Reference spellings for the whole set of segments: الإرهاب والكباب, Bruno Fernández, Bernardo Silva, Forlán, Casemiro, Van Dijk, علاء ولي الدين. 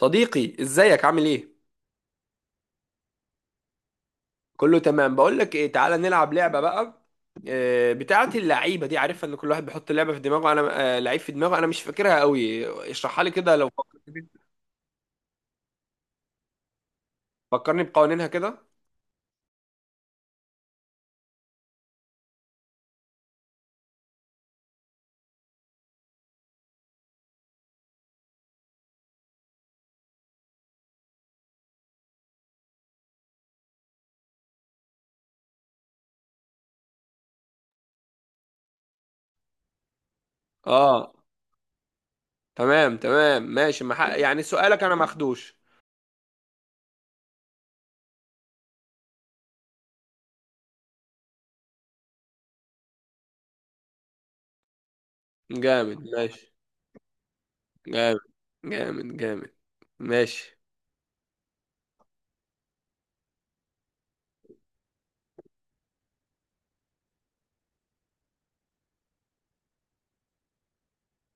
صديقي ازيك عامل ايه؟ كله تمام. بقول لك ايه، تعالى نلعب لعبه بقى. بتاعه اللعيبه دي عارفها ان كل واحد بيحط لعبه في دماغه، انا لعيب في دماغه، انا مش فاكرها قوي، اشرحها لي كده لو فكرتني. فكرني بقوانينها كده. اه تمام تمام ماشي. ما حق- يعني سؤالك انا ماخدوش. جامد ماشي. جامد جامد. جامد ماشي.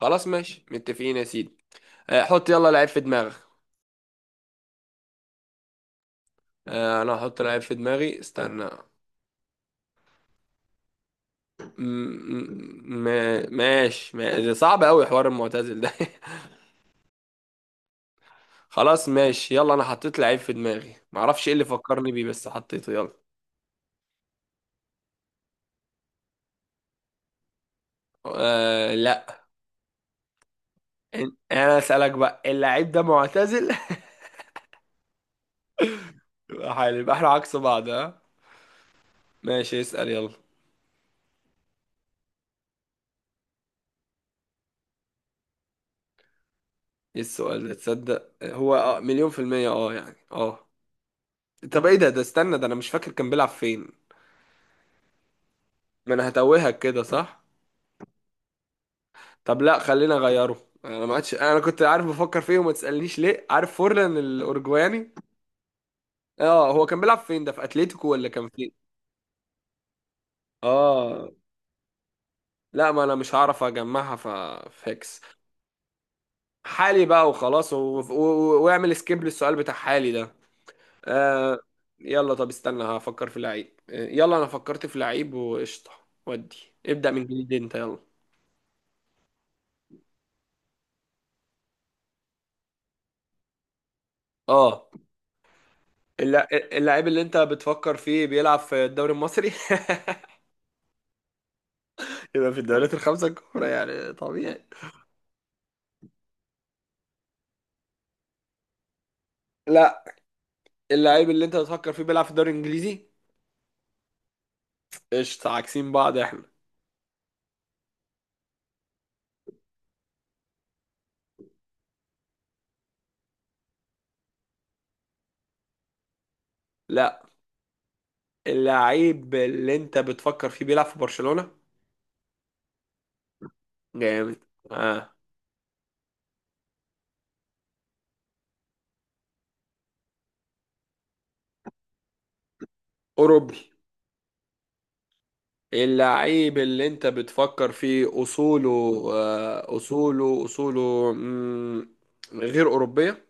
خلاص ماشي متفقين يا سيدي. حط يلا لعيب في دماغك. انا هحط لعيب في دماغي استنى. م- ماشي. ده صعب قوي حوار المعتزل ده. خلاص ماشي يلا، انا حطيت لعيب في دماغي، معرفش ايه اللي فكرني بيه بس حطيته، يلا. آه لا. انا اسالك بقى، اللعيب ده معتزل؟ يبقى حلو، يبقى احنا عكس بعض، ها. ماشي اسال يلا. ايه السؤال ده؟ تصدق هو اه مليون في المية، اه يعني اه. طب ايه ده؟ ده استنى، ده انا مش فاكر كان بيلعب فين. ما انا هتوهك كده، صح. طب لا خلينا اغيره، انا ما عادش انا كنت عارف بفكر فيه، وما تسالنيش ليه، عارف فورلان الاورجواني؟ اه، هو كان بيلعب فين ده؟ في اتلتيكو ولا كان فين؟ اه لا، ما انا مش هعرف اجمعها، ف فيكس. حالي بقى وخلاص واعمل سكيب للسؤال بتاع حالي ده. آه. يلا طب استنى هفكر في لعيب. يلا انا فكرت في لعيب وقشطه. ودي ابدأ من جديد انت، يلا. اه. اللعيب اللي انت بتفكر فيه بيلعب في الدوري المصري؟ يبقى في الدوريات الخمسة الكبرى يعني طبيعي. لا، اللعيب اللي انت بتفكر فيه بيلعب في الدوري الانجليزي. قشطة، عاكسين بعض احنا. لا، اللعيب اللي انت بتفكر فيه بيلعب في برشلونة. جامد. اه. اوروبي. اللعيب اللي انت بتفكر فيه اصوله، آه اصوله اصوله غير اوروبية.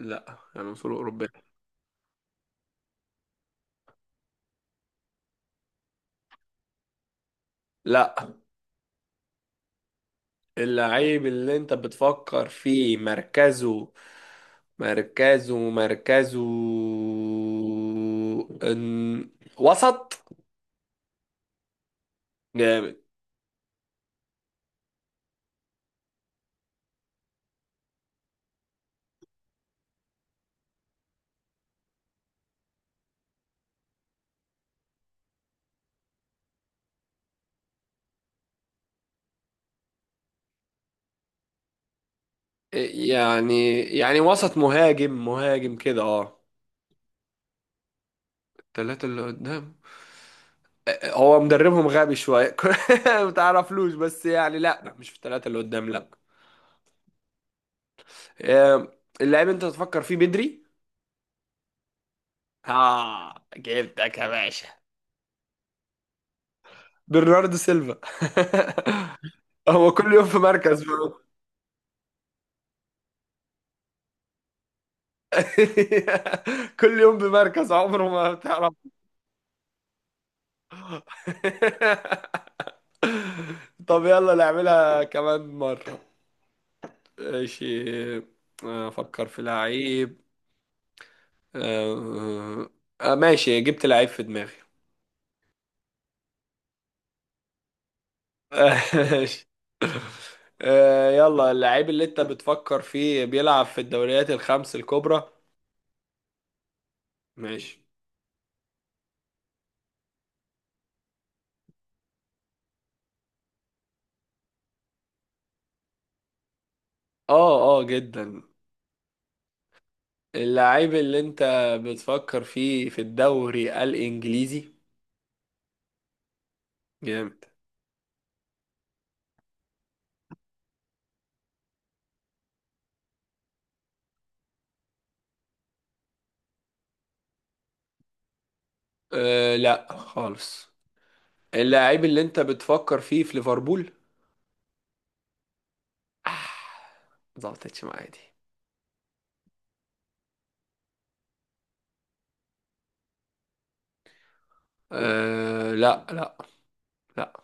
لا يعني اصوله اوروبية. لا، اللعيب اللي انت بتفكر فيه مركزه، مركزه ان وسط. جامد. يعني يعني وسط مهاجم، مهاجم كده اه. التلاتة اللي قدام. هو مدربهم غبي شوية. ما تعرفلوش بس، يعني لا، مش في التلاتة اللي قدام، لا. آه، اللعيب انت تفكر فيه بدري. اه جبتك يا باشا. برناردو سيلفا. هو كل يوم في مركز بقى. كل يوم بمركز عمره ما بتعرف. طب يلا نعملها كمان مرة. ماشي. افكر في لعيب. آه، ماشي جبت لعيب في دماغي. ماشي. يلا، اللعيب اللي انت بتفكر فيه بيلعب في الدوريات الخمس الكبرى؟ ماشي. اه اه جدا. اللعيب اللي انت بتفكر فيه في الدوري الانجليزي؟ جامد. أه لا خالص. اللعيب اللي انت بتفكر فيه في ليفربول؟ آه، ظبطتش معايا دي. أه لا لا. لا.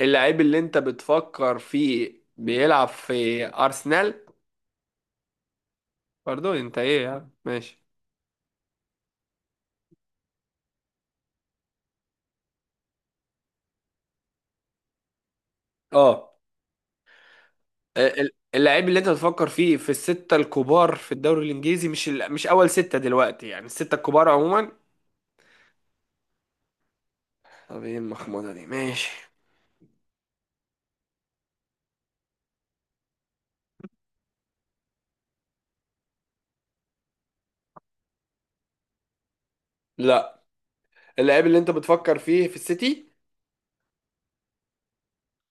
اللعيب اللي انت بتفكر فيه بيلعب في ارسنال؟ برضو انت ايه يعني، ماشي. اه. اللعيب اللي انت بتفكر فيه في الستة الكبار في الدوري الانجليزي؟ مش اول ستة دلوقتي، يعني الستة الكبار عموما. طب ايه المخموضة دي، ماشي. لا، اللاعب اللي انت بتفكر فيه في السيتي؟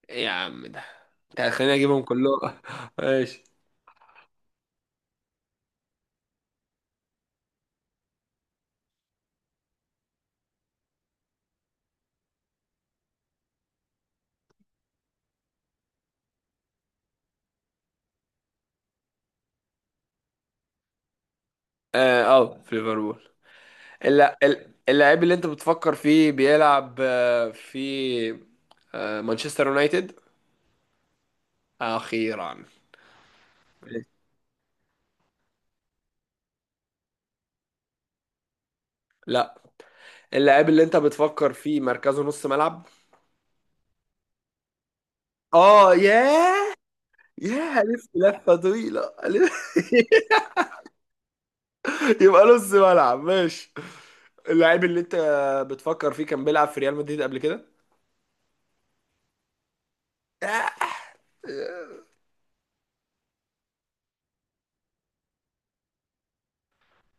يا عم ده، انت خليني اجيبهم كلهم. ماشي. اه في ليفربول. اللاعب اللي انت بتفكر فيه بيلعب في مانشستر يونايتد؟ اخيرا. لا، اللاعب اللي انت بتفكر فيه مركزه نص ملعب؟ اه ياه. ياه الف لفه طويله ألف. يبقى نص ملعب، ماشي. اللاعب اللي انت بتفكر فيه كان بيلعب في ريال مدريد قبل كده؟ آه،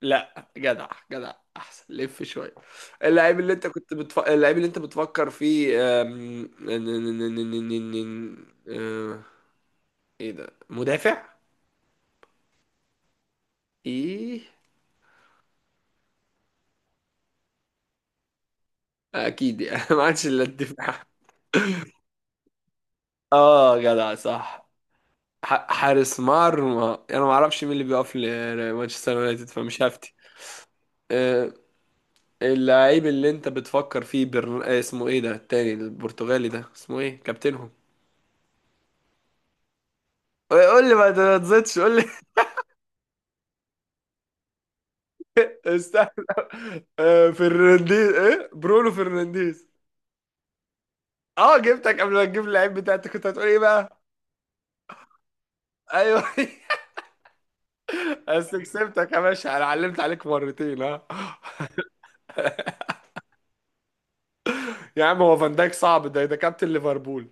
لا جدع جدع احسن لف شويه. اللعيب اللي انت بتفكر فيه أم، ن- ن- ن- ن- ن- ن- ن- أه، ايه ده مدافع؟ ايه اكيد يعني. ما عادش الا الدفاع. اه جدع صح. حارس مرمى، انا ما اعرفش مين اللي بيقف لمانشستر يونايتد فمش هفتي. أه، اللعيب اللي انت بتفكر فيه برن... آه، اسمه ايه ده التاني البرتغالي ده، اسمه ايه كابتنهم؟ قول لي ما تزيدش قول لي. استنى. فرنانديز ايه، برونو فرنانديز. اه جبتك. قبل ما تجيب اللعيب بتاعتك كنت هتقول ايه بقى؟ ايوه. بس كسبتك يا باشا، انا علمت عليك مرتين ها. يا عم هو فان دايك صعب؟ ده ده كابتن ليفربول.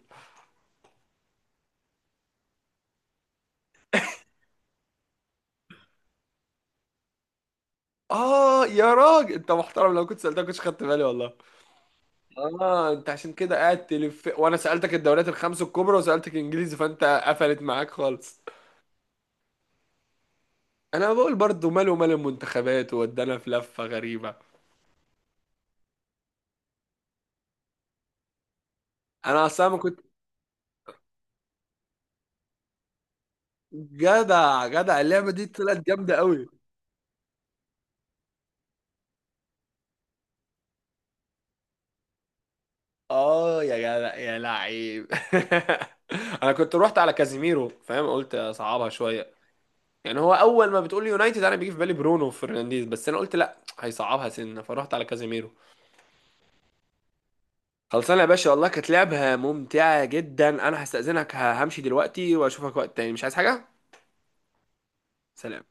اه يا راجل انت محترم، لو كنت سالتك كنتش خدت بالي، والله. اه، انت عشان كده قاعد تلف، وانا سالتك الدوريات الخمس الكبرى وسالتك انجليزي، فانت قفلت معاك خالص. انا بقول برضو ماله مال المنتخبات وودانا في لفه غريبه. انا اصلا ما كنت. جدع جدع، اللعبة دي طلعت جامدة قوي. اه يا جدع يا لعيب. انا كنت رحت على كازيميرو، فاهم؟ قلت اصعبها شويه. يعني هو اول ما بتقول لي يونايتد انا بيجي في بالي برونو فرنانديز، بس انا قلت لا هيصعبها سنه فرحت على كازيميرو. خلصانه يا باشا، والله كانت لعبه ممتعه جدا، انا هستأذنك همشي دلوقتي واشوفك وقت تاني، مش عايز حاجه. سلام.